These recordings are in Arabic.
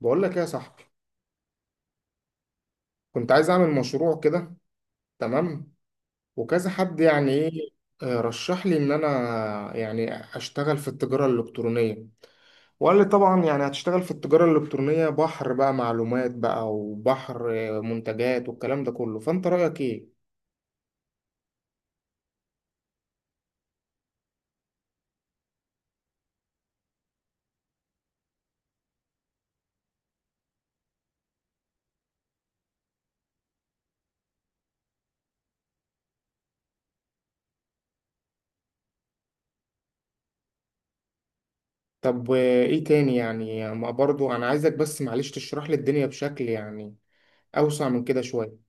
بقول لك ايه يا صاحبي. كنت عايز اعمل مشروع كده، تمام، وكذا حد يعني ايه. رشح لي ان انا يعني اشتغل في التجارة الالكترونية، وقال لي طبعا يعني هتشتغل في التجارة الالكترونية، بحر بقى معلومات بقى وبحر منتجات والكلام ده كله. فانت رأيك ايه؟ طب ايه تاني يعني؟ ما برضو انا عايزك بس معلش تشرح لي الدنيا بشكل يعني اوسع من كده شوية.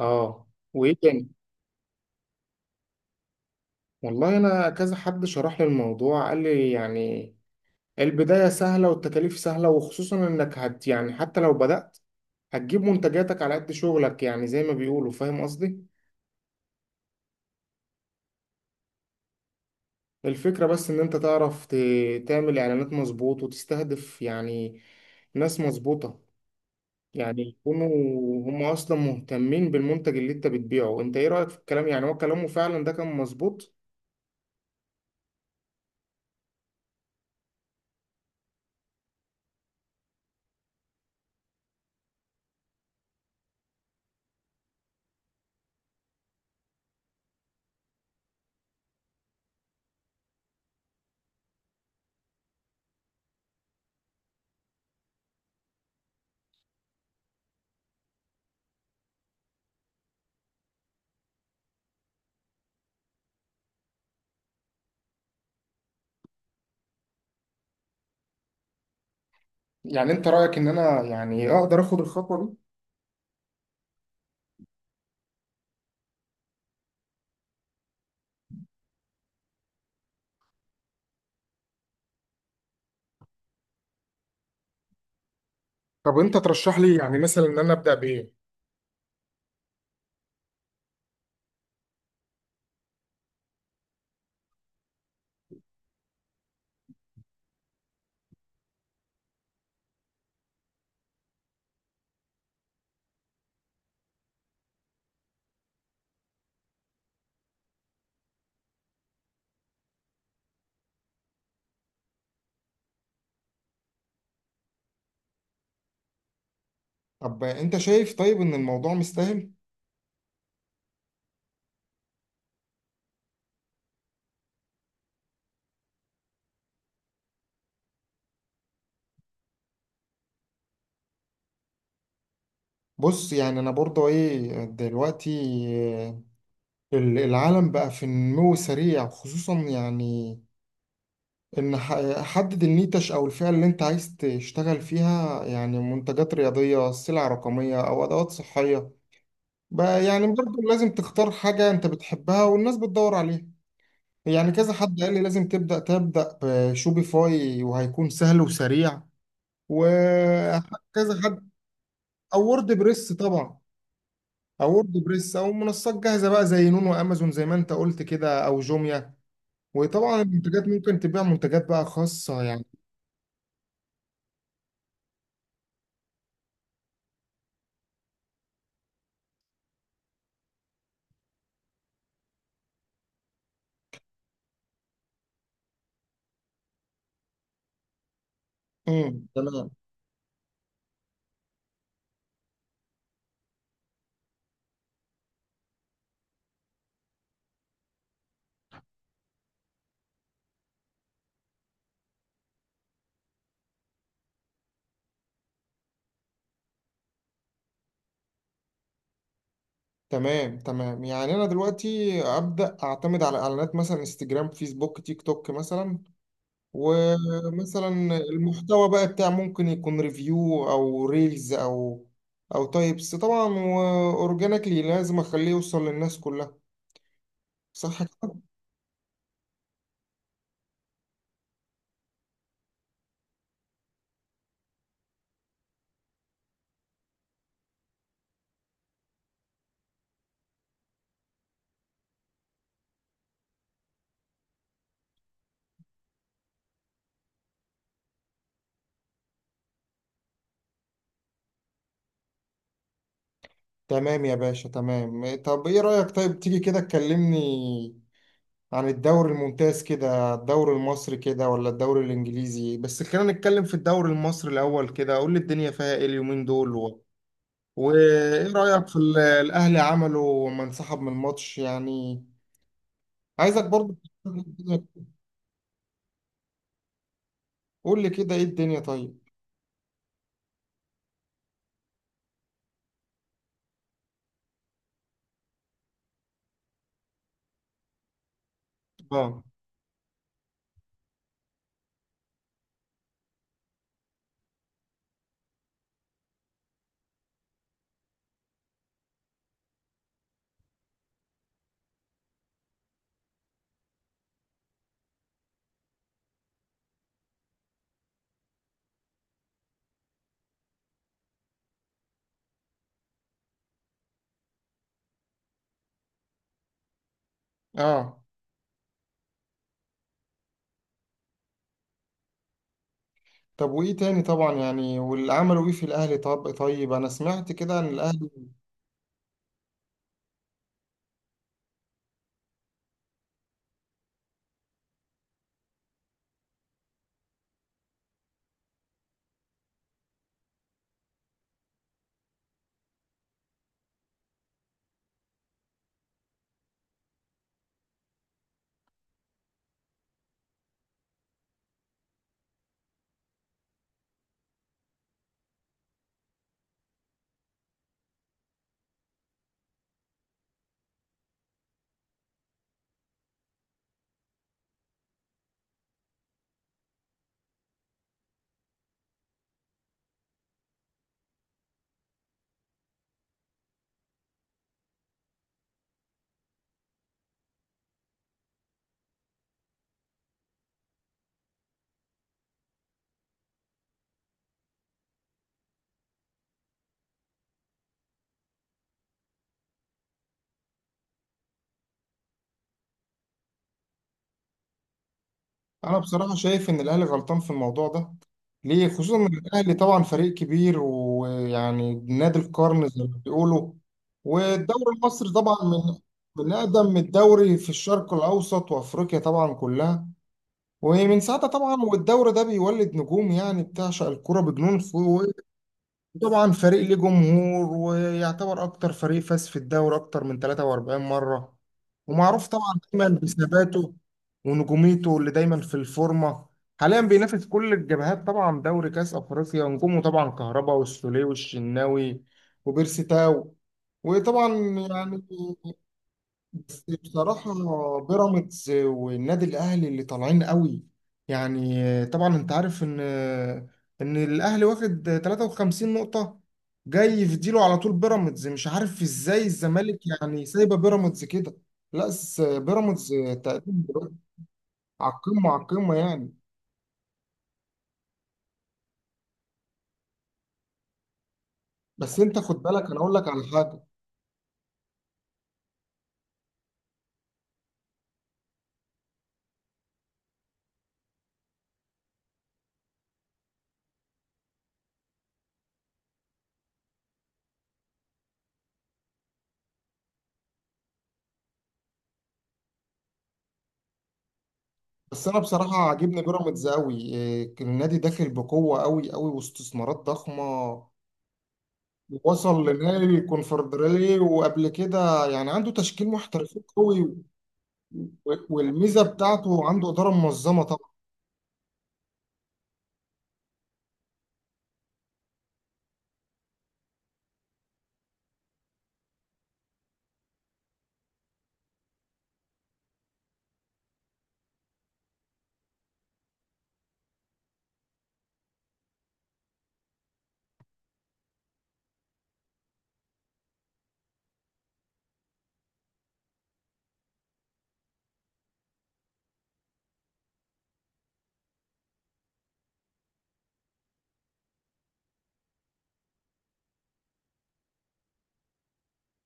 اه، وايه تاني؟ والله انا كذا حد شرح لي الموضوع، قال لي يعني البداية سهلة والتكاليف سهلة، وخصوصا انك هت يعني حتى لو بدأت هتجيب منتجاتك على قد شغلك، يعني زي ما بيقولوا، فاهم قصدي. الفكرة بس ان انت تعرف تعمل اعلانات مظبوط وتستهدف يعني ناس مظبوطة، يعني يكونوا هم اصلا مهتمين بالمنتج اللي انت بتبيعه. انت ايه رأيك في الكلام؟ يعني هو كلامه فعلا ده كان مظبوط؟ يعني انت رأيك ان انا يعني اقدر اخد الخطوة دي؟ طب انت ترشح لي يعني مثلا ان انا ابدأ بايه؟ طب انت شايف طيب ان الموضوع مستاهل؟ بص يعني انا برضو ايه دلوقتي، آه، العالم بقى في نمو سريع، خصوصا يعني ان حدد النيتش او الفئة اللي انت عايز تشتغل فيها، يعني منتجات رياضية، سلع رقمية او ادوات صحية بقى. يعني برضو لازم تختار حاجة انت بتحبها والناس بتدور عليها. يعني كذا حد قال لي لازم تبدأ بشوبيفاي وهيكون سهل وسريع، وكذا حد او وورد بريس طبعا، او وورد بريس او منصات جاهزه بقى زي نون وامازون زي ما انت قلت كده، او جوميا. وطبعا المنتجات ممكن تبيع منتجات بقى خاصه يعني. امم، تمام، تمام. تمام يعني انا دلوقتي ابدا اعتمد على اعلانات مثلا انستجرام، فيسبوك، تيك توك مثلا. ومثلا المحتوى بقى بتاع ممكن يكون ريفيو او ريلز او او تايبس طبعا، واورجانيكلي لازم اخليه يوصل للناس كلها، صح؟ تمام يا باشا، تمام. طب ايه رأيك طيب تيجي كده تكلمني عن الدوري الممتاز كده، الدوري المصري كده ولا الدوري الانجليزي؟ بس خلينا نتكلم في الدوري المصري الاول كده. قول لي الدنيا فيها ايه اليومين دول، و... وايه رأيك في الاهلي عمله لما انسحب من الماتش يعني؟ عايزك برضو. قول لي كده ايه الدنيا طيب. اه. اه، طب وايه تاني طبعا يعني؟ واللي عملوا ايه في الاهلي؟ طب طيب، انا سمعت كده ان الاهلي، انا بصراحه شايف ان الاهلي غلطان في الموضوع ده. ليه؟ خصوصا ان الاهلي طبعا فريق كبير، ويعني نادي القرن زي ما بيقولوا، والدوري المصري طبعا من من اقدم الدوري في الشرق الاوسط وافريقيا طبعا كلها. ومن ساعتها طبعا والدوري ده بيولد نجوم، يعني بتعشق الكرة بجنون. طبعا فريق ليه جمهور، ويعتبر اكتر فريق فاز في الدوري اكتر من 43 مرة، ومعروف طبعا دايما بثباته ونجوميته اللي دايما في الفورمة. حاليا بينافس كل الجبهات طبعا، دوري، كاس افريقيا. نجومه طبعا كهربا والسوليه والشناوي وبيرسي تاو وطبعا يعني. بس بصراحة بيراميدز والنادي الأهلي اللي طالعين قوي، يعني طبعا أنت عارف إن إن الأهلي واخد 53 نقطة، جاي يفديله على طول بيراميدز. مش عارف إزاي الزمالك يعني سايبة بيراميدز كده. لا، بس بيراميدز تقريبا دلوقتي على القمة، على القمة يعني. بس أنت خد بالك، أنا أقول لك على حاجة. بس أنا بصراحة عاجبني بيراميدز قوي. النادي داخل بقوة قوي قوي واستثمارات ضخمة. وصل لنهائي الكونفدرالية وقبل كده، يعني عنده تشكيل محترفين قوي، والميزة بتاعته عنده إدارة منظمة طبعا.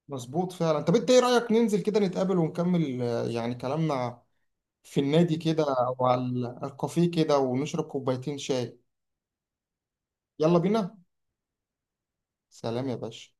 مظبوط فعلا. طب انت ايه رأيك ننزل كده نتقابل ونكمل يعني كلامنا في النادي كده او على الكافيه كده ونشرب كوبايتين شاي؟ يلا بينا. سلام يا باشا.